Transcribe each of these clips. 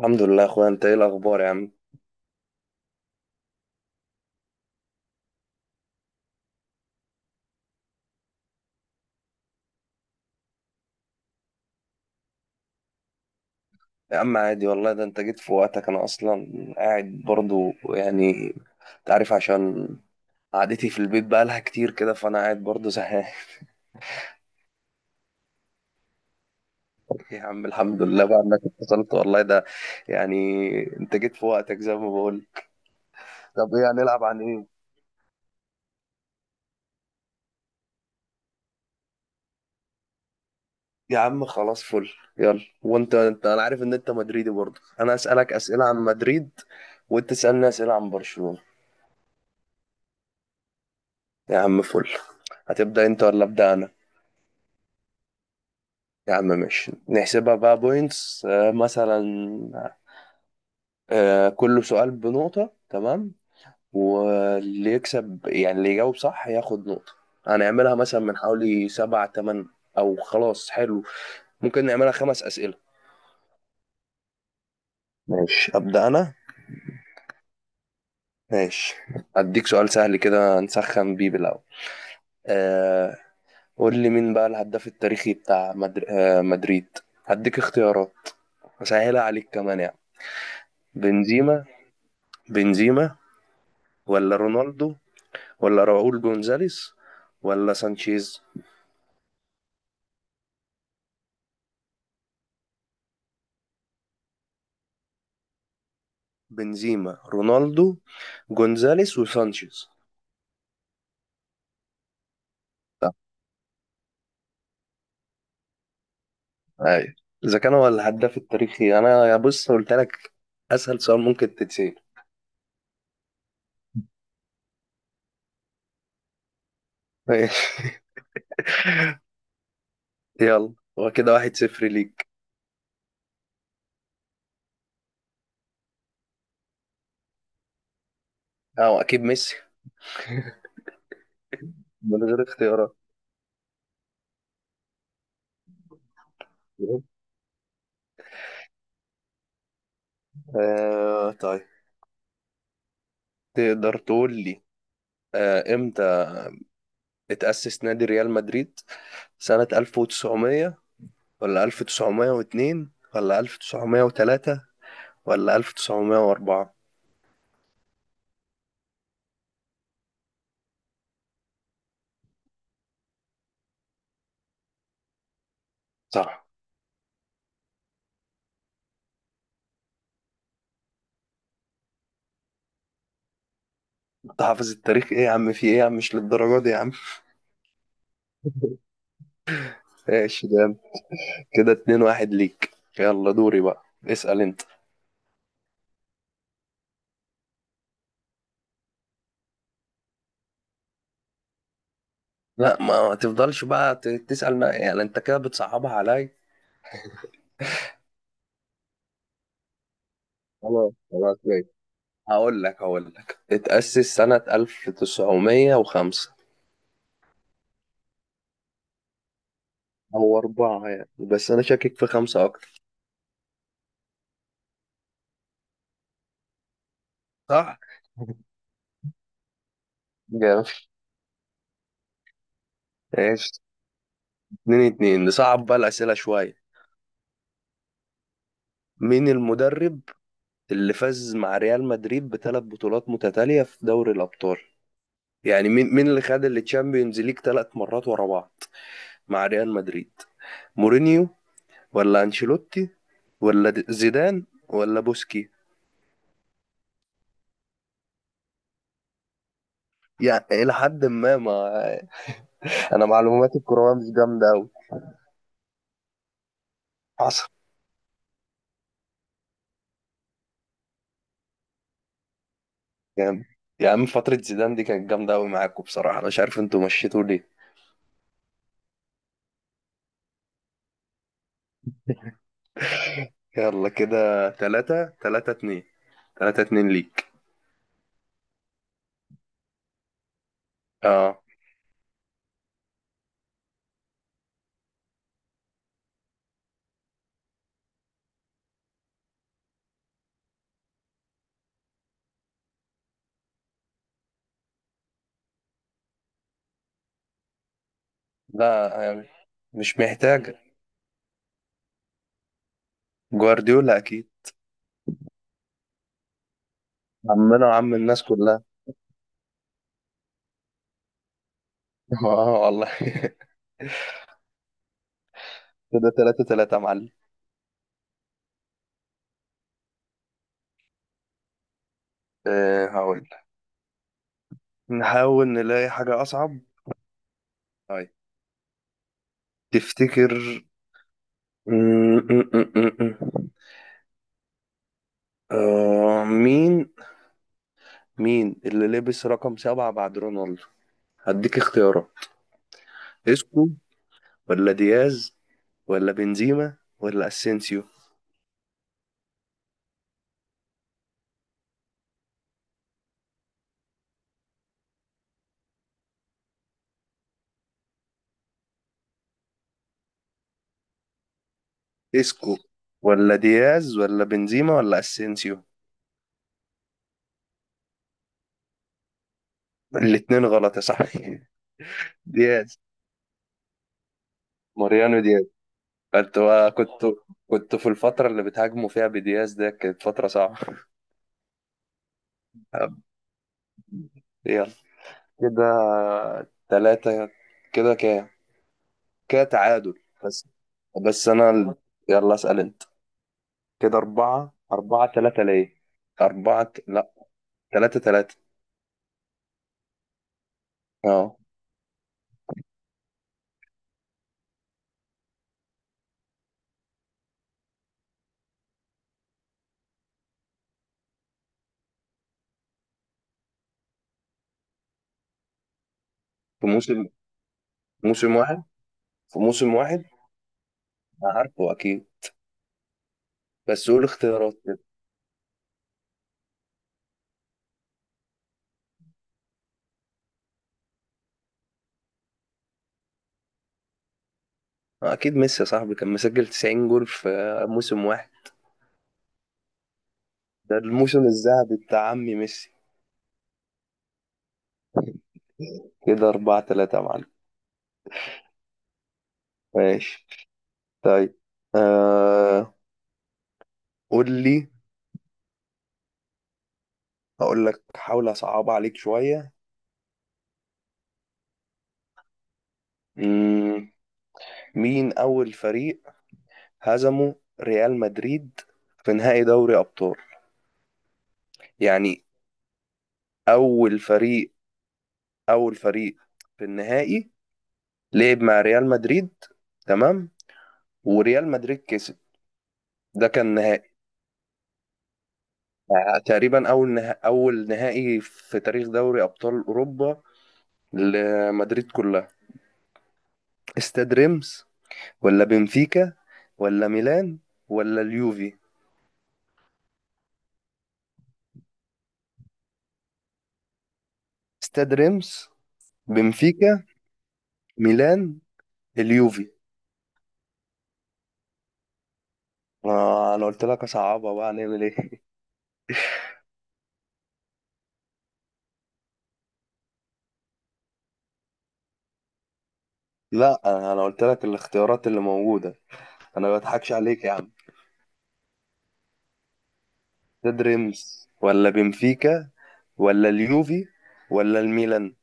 الحمد لله يا اخويا، انت ايه الاخبار يا عم؟ يا عم عادي والله، ده انت جيت في وقتك. انا اصلا قاعد برضو، انت عارف، عشان قعدتي في البيت بقالها كتير كده، فانا قاعد برضو زهقان. يا عم الحمد لله بقى انك اتصلت والله، ده يعني انت جيت في وقتك زي ما بقول. طب ايه هنلعب؟ عن ايه؟ يا عم خلاص، فل. يلا، وانت انا عارف ان انت مدريدي برضو، انا اسالك اسئله عن مدريد، وانت تسالني اسئله عن برشلونة. يا عم فل. هتبدا انت ولا ابدا انا؟ يا عم ماشي، نحسبها بقى بوينتس مثلا. كل سؤال بنقطة، تمام؟ واللي يكسب، يعني اللي يجاوب صح، ياخد نقطة. هنعملها مثلا من حوالي سبعة تمن، أو خلاص حلو، ممكن نعملها خمس أسئلة. ماشي، أبدأ أنا. ماشي، أديك سؤال سهل كده نسخن بيه بالأول. آه قول لي مين بقى الهداف التاريخي بتاع مدريد؟ هديك اختيارات أسهلها عليك كمان يعني. بنزيما، بنزيما ولا رونالدو، ولا راؤول جونزاليس، ولا سانشيز؟ بنزيما، رونالدو، جونزاليس، وسانشيز. صح، ايوه. اذا كان هو الهداف التاريخي، انا يا بص قلت لك اسهل سؤال ممكن تتسال. ماشي. يلا، هو كده واحد صفر ليك. اه اكيد ميسي. من غير اختيارات. آه طيب، تقدر تقول لي، امتى اتأسس نادي ريال مدريد؟ سنة 1900 ولا 1902 ولا 1903 ولا 1904؟ صح. انت حافظ التاريخ ايه يا عم، في ايه يا عم، مش للدرجة دي يا عم. ماشي، ده انت كده اتنين واحد ليك. يلا دوري بقى، اسأل انت. لا ما تفضلش بقى تسأل، ما يعني انت كده بتصعبها عليا. خلاص خلاص ماشي، هقول لك اتأسس سنة 1905. هو أربعة يعني، بس انا شاكك في خمسة اكتر. صح. جامد. ايش؟ اتنين اتنين، نصعب بقى الأسئلة شوية. مين المدرب اللي فاز مع ريال مدريد بثلاث بطولات متتالية في دوري الأبطال؟ يعني مين اللي خد التشامبيونز ليج ثلاث مرات ورا بعض مع ريال مدريد؟ مورينيو، ولا أنشيلوتي، ولا زيدان، ولا بوسكي؟ يعني إلى حد ما. أنا معلوماتي الكروية مش جامدة أوي. حصل. يعني يا عم فترة زيدان دي كانت جامدة أوي معاكم بصراحة، أنا مش عارف أنتوا مشيتوا ليه. يلا كده تلاتة اتنين، تلاتة اتنين ليك. اه. لا يعني، مش محتاجة. جوارديولا أكيد، عمنا وعم الناس كلها. اه والله. كده تلاتة تلاتة يا معلم. أه هقول لك. نحاول نلاقي حاجة أصعب. طيب، تفتكر، م- م- م- م- م. آه، مين اللي لبس رقم سبعة بعد رونالدو؟ هديك اختيارات. اسكو، ولا دياز، ولا بنزيما، ولا اسينسيو؟ اسكو، ولا دياز، ولا بنزيما، ولا اسينسيو. الاتنين غلط يا صاحبي. دياز. ماريانو. كنت كنت كنت في الفترة اللي بتهاجموا فيها بدياز ده، كانت فترة صعبة. يلا كده تلاتة، كده كام؟ كده تعادل. بس. بس أنا ال... يلا اسأل أنت. كده أربعة تلاتة ليه، أربعة ت- لا تلاتة تلاتة. أه. في موسم، موسم واحد. في موسم واحد. أنا عارفه أكيد، بس قول اختيارات كده. آه، أكيد ميسي يا صاحبي، كان مسجل 90 جول في موسم واحد. ده الموسم الذهبي بتاع عمي ميسي. كده أربعة تلاتة يا معلم. ماشي. طيب، آه، قول لي، هقول لك، حاول اصعب عليك شوية. مم، مين اول فريق هزمه ريال مدريد في نهائي دوري ابطال؟ يعني اول فريق، اول فريق في النهائي لعب مع ريال مدريد، تمام، وريال مدريد كسب. ده كان نهائي، آه، تقريبا اول نهائي في تاريخ دوري ابطال اوروبا لمدريد كلها. استاد ريمس، ولا بنفيكا، ولا ميلان، ولا اليوفي؟ استاد ريمس، بنفيكا، ميلان، اليوفي. آه انا قلت لك اصعبها بقى، هنعمل ايه؟ لا أنا قلت لك الاختيارات اللي موجوده، انا ما بضحكش عليك يا عم. استاد ريمس، ولا بنفيكا، ولا اليوفي، ولا الميلان؟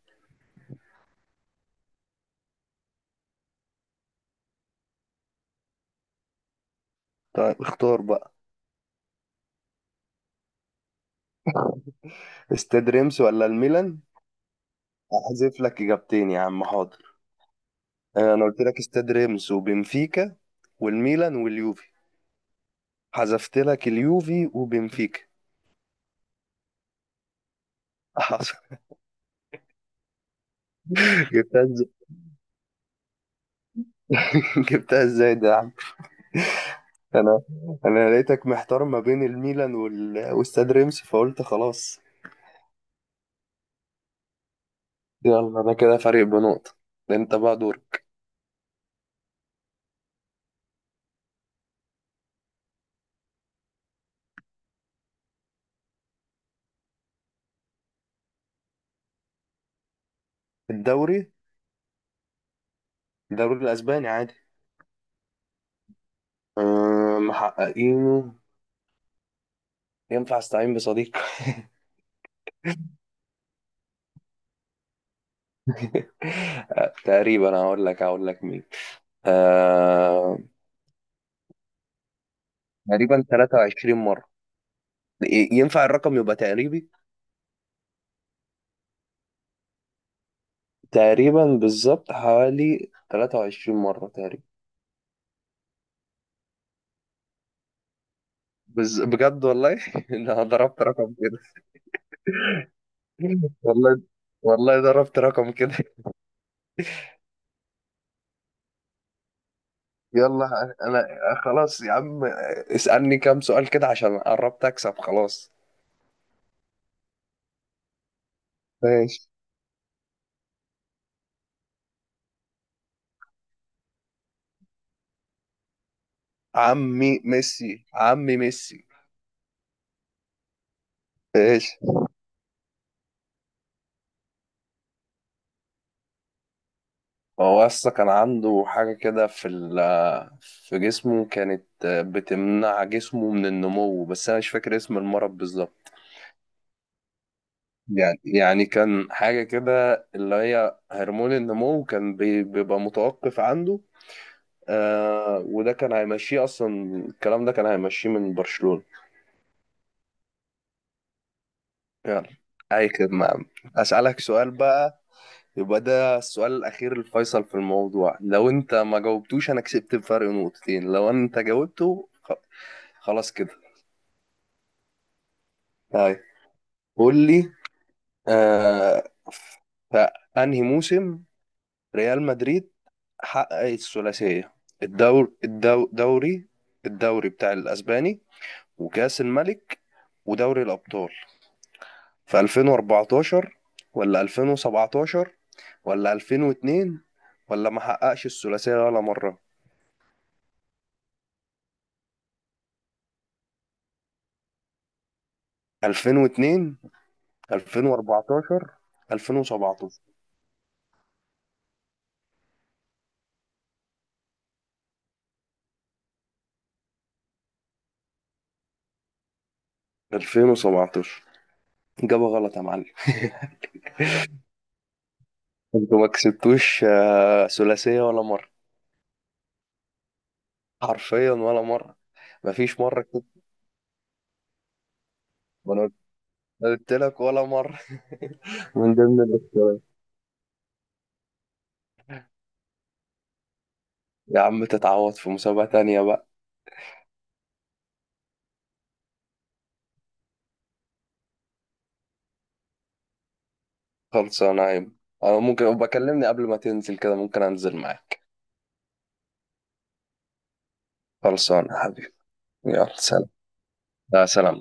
طيب اختار بقى. استاد ريمس ولا الميلان؟ احذف لك اجابتين يا عم حاضر. آه، انا قلت لك استاد ريمس وبنفيكا والميلان واليوفي. حذفت لك اليوفي وبنفيكا. حصل. جبتها. جبتها ازاي ده يا عم؟ انا انا لقيتك محتار ما بين الميلان واستاد رمسي، فقلت خلاص. يلا انا كده فارق بنقطة، ده انت بقى دورك. الدوري، الدوري الاسباني عادي. أه محققينه. ينفع استعين بصديق؟ آه، تقريبا، هقول لك مين. أه تقريبا 23 مرة. ينفع الرقم يبقى تقريبي؟ تقريبا بالظبط حوالي 23 مرة تقريبا. بجد والله، انا ضربت رقم كده والله، والله ضربت رقم كده. يلا انا خلاص يا عم، اسألني كام سؤال كده عشان قربت اكسب خلاص. ماشي. عمي ميسي، عمي ميسي. ماشي. هو اصلا كان عنده حاجة كده في جسمه، كانت بتمنع جسمه من النمو، بس انا مش فاكر اسم المرض بالظبط. يعني كان حاجة كده اللي هي هرمون النمو، كان بيبقى متوقف عنده. آه وده كان هيمشيه اصلا، الكلام ده كان هيمشيه من برشلونة. يلا، اي خدمة يا عم. اسالك سؤال بقى، يبقى ده السؤال الاخير الفيصل في الموضوع. لو انت ما جاوبتوش انا كسبت بفرق نقطتين، لو انت خلاص كده. طيب، قول لي، آه في انهي موسم ريال مدريد حقق الثلاثية، الدوري، الدوري بتاع الاسباني، وكاس الملك، ودوري الابطال؟ في 2014 ولا 2017 ولا 2002، ولا ما حققش الثلاثية ولا مرة؟ 2002، 2014، 2017. 2017. إجابة غلط يا معلم، انتوا ما كسبتوش آه، ثلاثية ولا مرة، حرفيا ولا مرة. مفيش مرة كسبت، ما انا قلت لك ولا مرة. من ضمن الاختيارات. يا عم تتعوض في مسابقة تانية بقى. خلصانة يا عم. انا ممكن بكلمني قبل ما تنزل كده، ممكن انزل معاك. خلصانة يا حبيبي، يلا سلام. لا سلام.